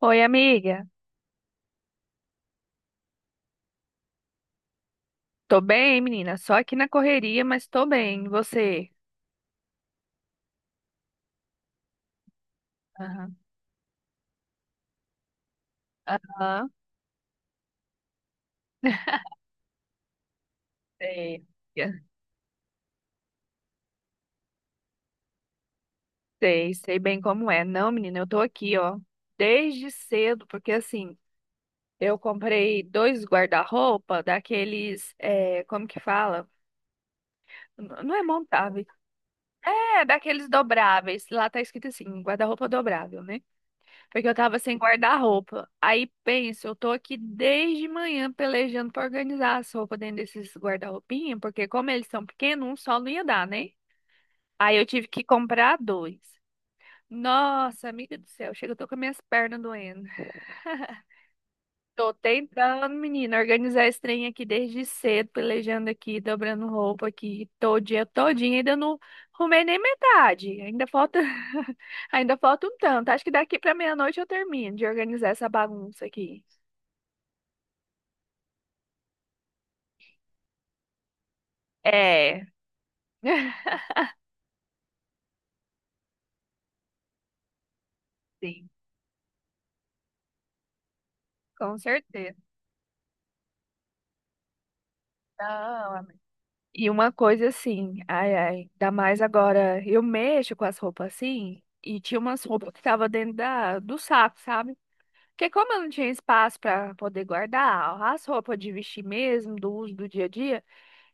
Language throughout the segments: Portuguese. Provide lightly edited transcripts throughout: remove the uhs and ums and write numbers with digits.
Oi, amiga. Tô bem, menina. Só aqui na correria, mas tô bem. E você? Aham. Aham. Sei. Sei, sei bem como é. Não, menina, eu tô aqui, ó, desde cedo, porque assim, eu comprei dois guarda-roupa daqueles, é, como que fala? Não é montável. É, daqueles dobráveis. Lá tá escrito assim, guarda-roupa dobrável, né? Porque eu tava sem guarda-roupa. Aí penso, eu tô aqui desde manhã pelejando pra organizar as roupas dentro desses guarda-roupinhas, porque como eles são pequenos, um só não ia dar, né? Aí eu tive que comprar dois. Nossa, amiga do céu, chega, eu tô com as minhas pernas doendo. Tô tentando, menina, organizar esse trem aqui desde cedo, pelejando aqui, dobrando roupa aqui, todo dia, todinho, ainda não arrumei nem metade. Ainda falta, ainda falta um tanto. Acho que daqui pra meia-noite eu termino de organizar essa bagunça aqui. É, sim, com certeza. Não, amiga. E uma coisa assim, ai, ai, ainda mais agora, eu mexo com as roupas assim, e tinha umas roupas que tava dentro do saco, sabe? Porque como eu não tinha espaço para poder guardar as roupas de vestir mesmo, do uso do dia a dia,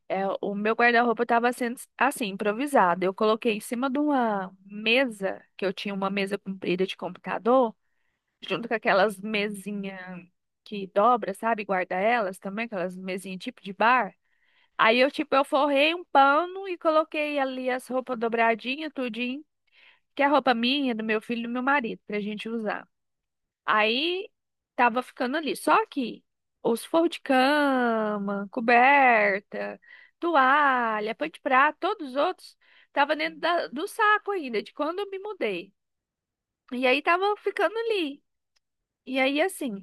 é, o meu guarda-roupa estava sendo assim, improvisado. Eu coloquei em cima de uma mesa, que eu tinha uma mesa comprida de computador, junto com aquelas mesinhas que dobra, sabe? Guarda elas também, aquelas mesinhas tipo de bar. Aí eu, tipo, eu forrei um pano e coloquei ali as roupas dobradinhas, tudinho, que é a roupa minha, do meu filho e do meu marido, pra gente usar. Aí tava ficando ali. Só que os forros de cama, coberta, toalha, pano de prato, todos os outros tava dentro do saco ainda, de quando eu me mudei. E aí tava ficando ali. E aí assim,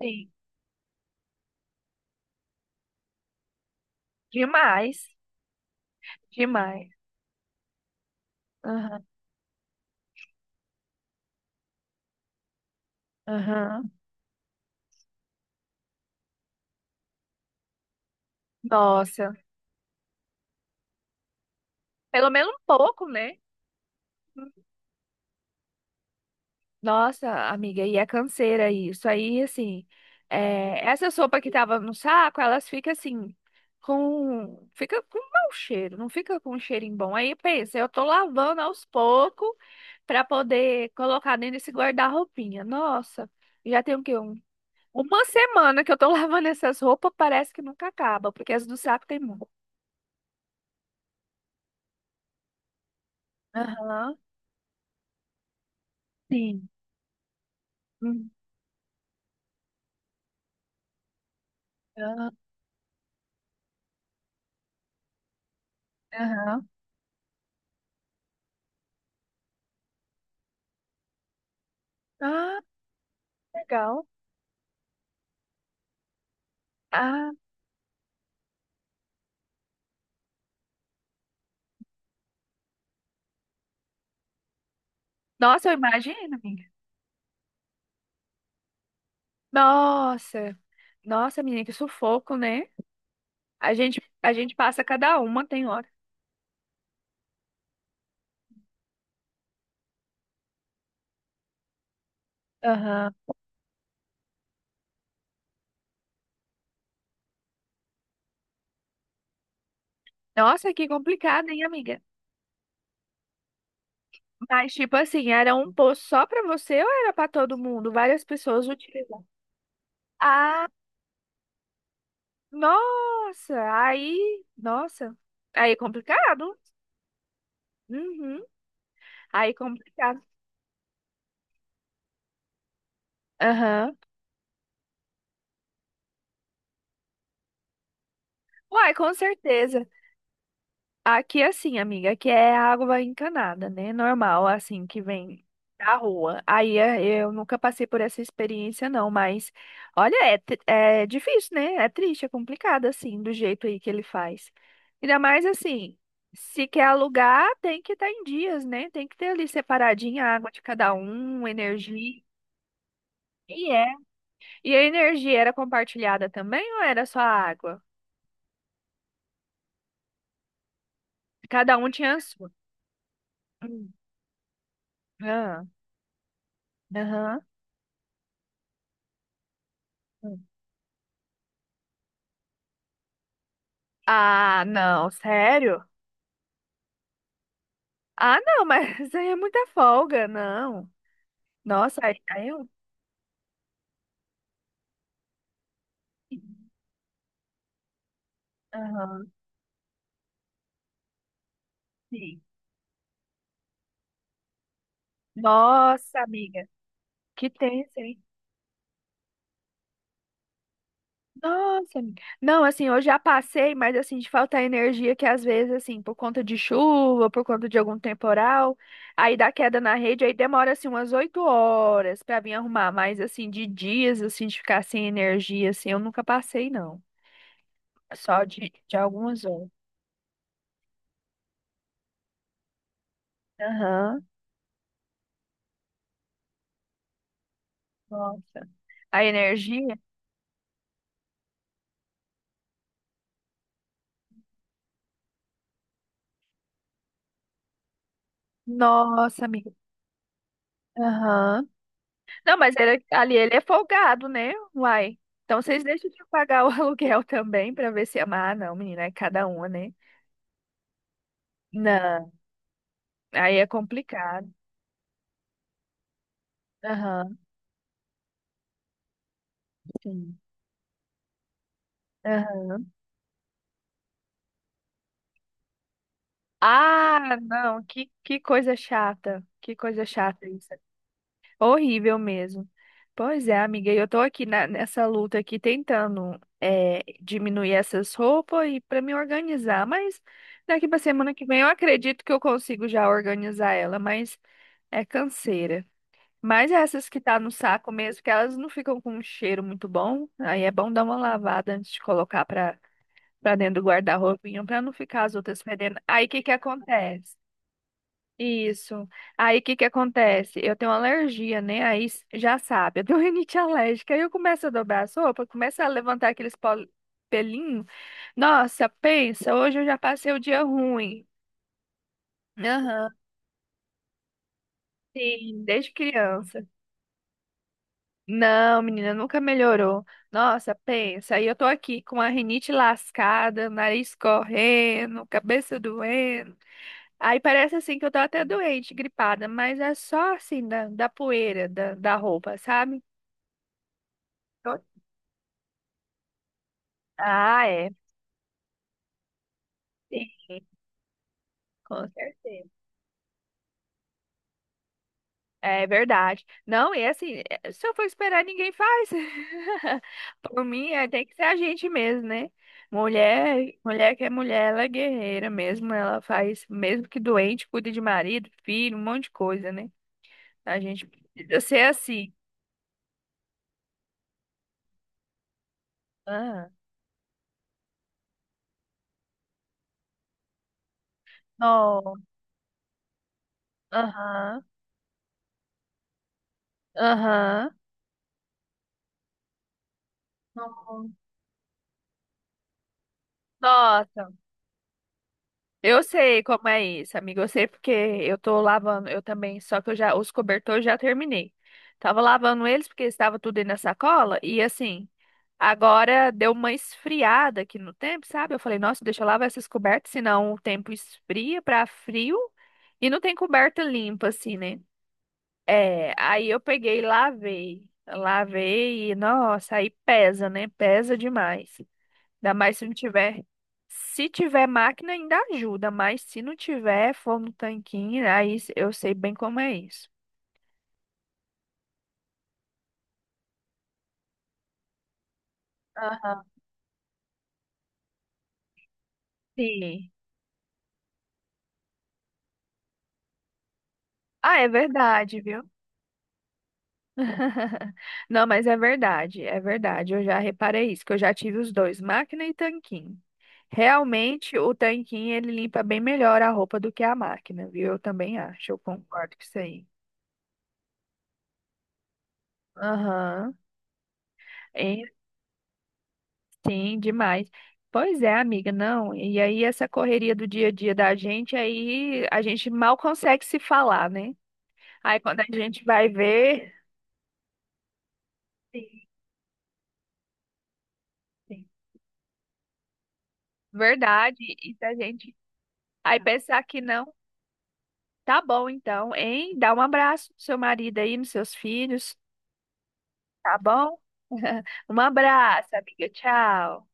sim, demais, demais. Aham, aham. Nossa, pelo menos um pouco, né? Nossa, amiga, e é canseira isso. Aí, assim, é, essa sopa que tava no saco, elas ficam assim, com. Fica com mau cheiro, não fica com um cheirinho bom. Aí pensa, eu tô lavando aos poucos pra poder colocar dentro desse guarda-roupinha. Nossa, já tem o quê? Um, uma semana que eu tô lavando essas roupas, parece que nunca acaba, porque as do saco tem muito. Aham, sim. Hum, aham. Aham. Ah, legal. Ah, nossa, eu imagino, amiga. Nossa, nossa, menina, que sufoco, né? A gente passa cada uma, tem hora. Aham. Nossa, que complicado, hein, amiga? Mas, tipo assim, era um posto só pra você ou era pra todo mundo? Várias pessoas utilizavam. Ah, nossa, nossa, aí é complicado. Uhum, aí é complicado. Aham. Uai, com certeza. Aqui é assim, amiga, aqui é água encanada, né? Normal, assim, que vem da rua. Aí é, eu nunca passei por essa experiência, não, mas olha, é, é difícil, né? É triste, é complicado, assim, do jeito aí que ele faz. Ainda mais assim, se quer alugar, tem que estar em dias, né? Tem que ter ali separadinha a água de cada um, energia. E é. E a energia era compartilhada também ou era só a água? Cada um tinha a sua. Hum. Ah, aham. Ah, não, sério? Ah, não, mas isso aí é muita folga, não. Nossa, aí, aí eu. Aham, sim. Nossa, amiga, que tenso, hein? Nossa, amiga. Não, assim, eu já passei, mas assim, de faltar energia que às vezes, assim, por conta de chuva, por conta de algum temporal, aí dá queda na rede, aí demora, assim, umas oito horas pra vir arrumar, mas assim, de dias, assim, de ficar sem energia, assim, eu nunca passei, não. Só de algumas horas. Aham. Nossa. A energia? Nossa, amiga. Aham. Não, mas ali ele é folgado, né? Uai. Então vocês deixam de pagar o aluguel também pra ver se ama. Ah, não, menina, é cada uma, né? Não, aí é complicado. Aham, sim. Aham. Ah, não, que coisa chata. Que coisa chata isso. Horrível mesmo. Pois é, amiga, e eu tô aqui nessa luta aqui tentando é, diminuir essas roupas e para me organizar, mas daqui pra semana que vem eu acredito que eu consigo já organizar ela, mas é canseira. Mas essas que tá no saco mesmo, que elas não ficam com um cheiro muito bom, aí é bom dar uma lavada antes de colocar para dentro do guarda-roupinha para não ficar as outras fedendo. Aí o que que acontece? Isso. Aí o que que acontece? Eu tenho alergia, né? Aí já sabe, eu tenho rinite alérgica. Aí eu começo a dobrar a sopa, começo a levantar aqueles pelinhos. Nossa, pensa, hoje eu já passei o dia ruim. Aham, sim, desde criança. Não, menina, nunca melhorou. Nossa, pensa, aí eu tô aqui com a rinite lascada, nariz correndo, cabeça doendo. Aí parece assim que eu tô até doente, gripada, mas é só assim da poeira da roupa, sabe? Ah, é. Sim, com certeza. É verdade. Não, e assim, se eu for esperar, ninguém faz. Por mim, é, tem que ser a gente mesmo, né? Mulher, mulher que é mulher, ela é guerreira mesmo. Ela faz, mesmo que doente, cuida de marido, filho, um monte de coisa, né? A gente precisa ser assim. Ah, não. Aham. Aham. Não. Nossa. Eu sei como é isso, amigo. Eu sei porque eu tô lavando, eu também, só que eu já, os cobertores eu já terminei. Tava lavando eles porque estava tudo aí na sacola e assim, agora deu uma esfriada aqui no tempo, sabe? Eu falei, nossa, deixa eu lavar essas cobertas, senão o tempo esfria pra frio e não tem coberta limpa assim, né? É, aí eu peguei e lavei. Lavei e, nossa, aí pesa, né? Pesa demais. Ainda mais se não tiver. Se tiver máquina, ainda ajuda, mas se não tiver, for no tanquinho, aí eu sei bem como é isso. Aham. Sim. Ah, é verdade, viu? Não, mas é verdade, é verdade. Eu já reparei isso, que eu já tive os dois, máquina e tanquinho. Realmente, o tanquinho ele limpa bem melhor a roupa do que a máquina, viu? Eu também acho, eu concordo com isso aí. Aham. Sim, demais. Pois é, amiga, não. E aí essa correria do dia a dia da gente, aí a gente mal consegue se falar, né? Aí quando a gente vai ver, sim, sim. Verdade, e da gente aí tá. Pensar que não, tá bom então, hein? Dá um abraço pro seu marido aí, nos seus filhos, tá bom? Um abraço, amiga. Tchau.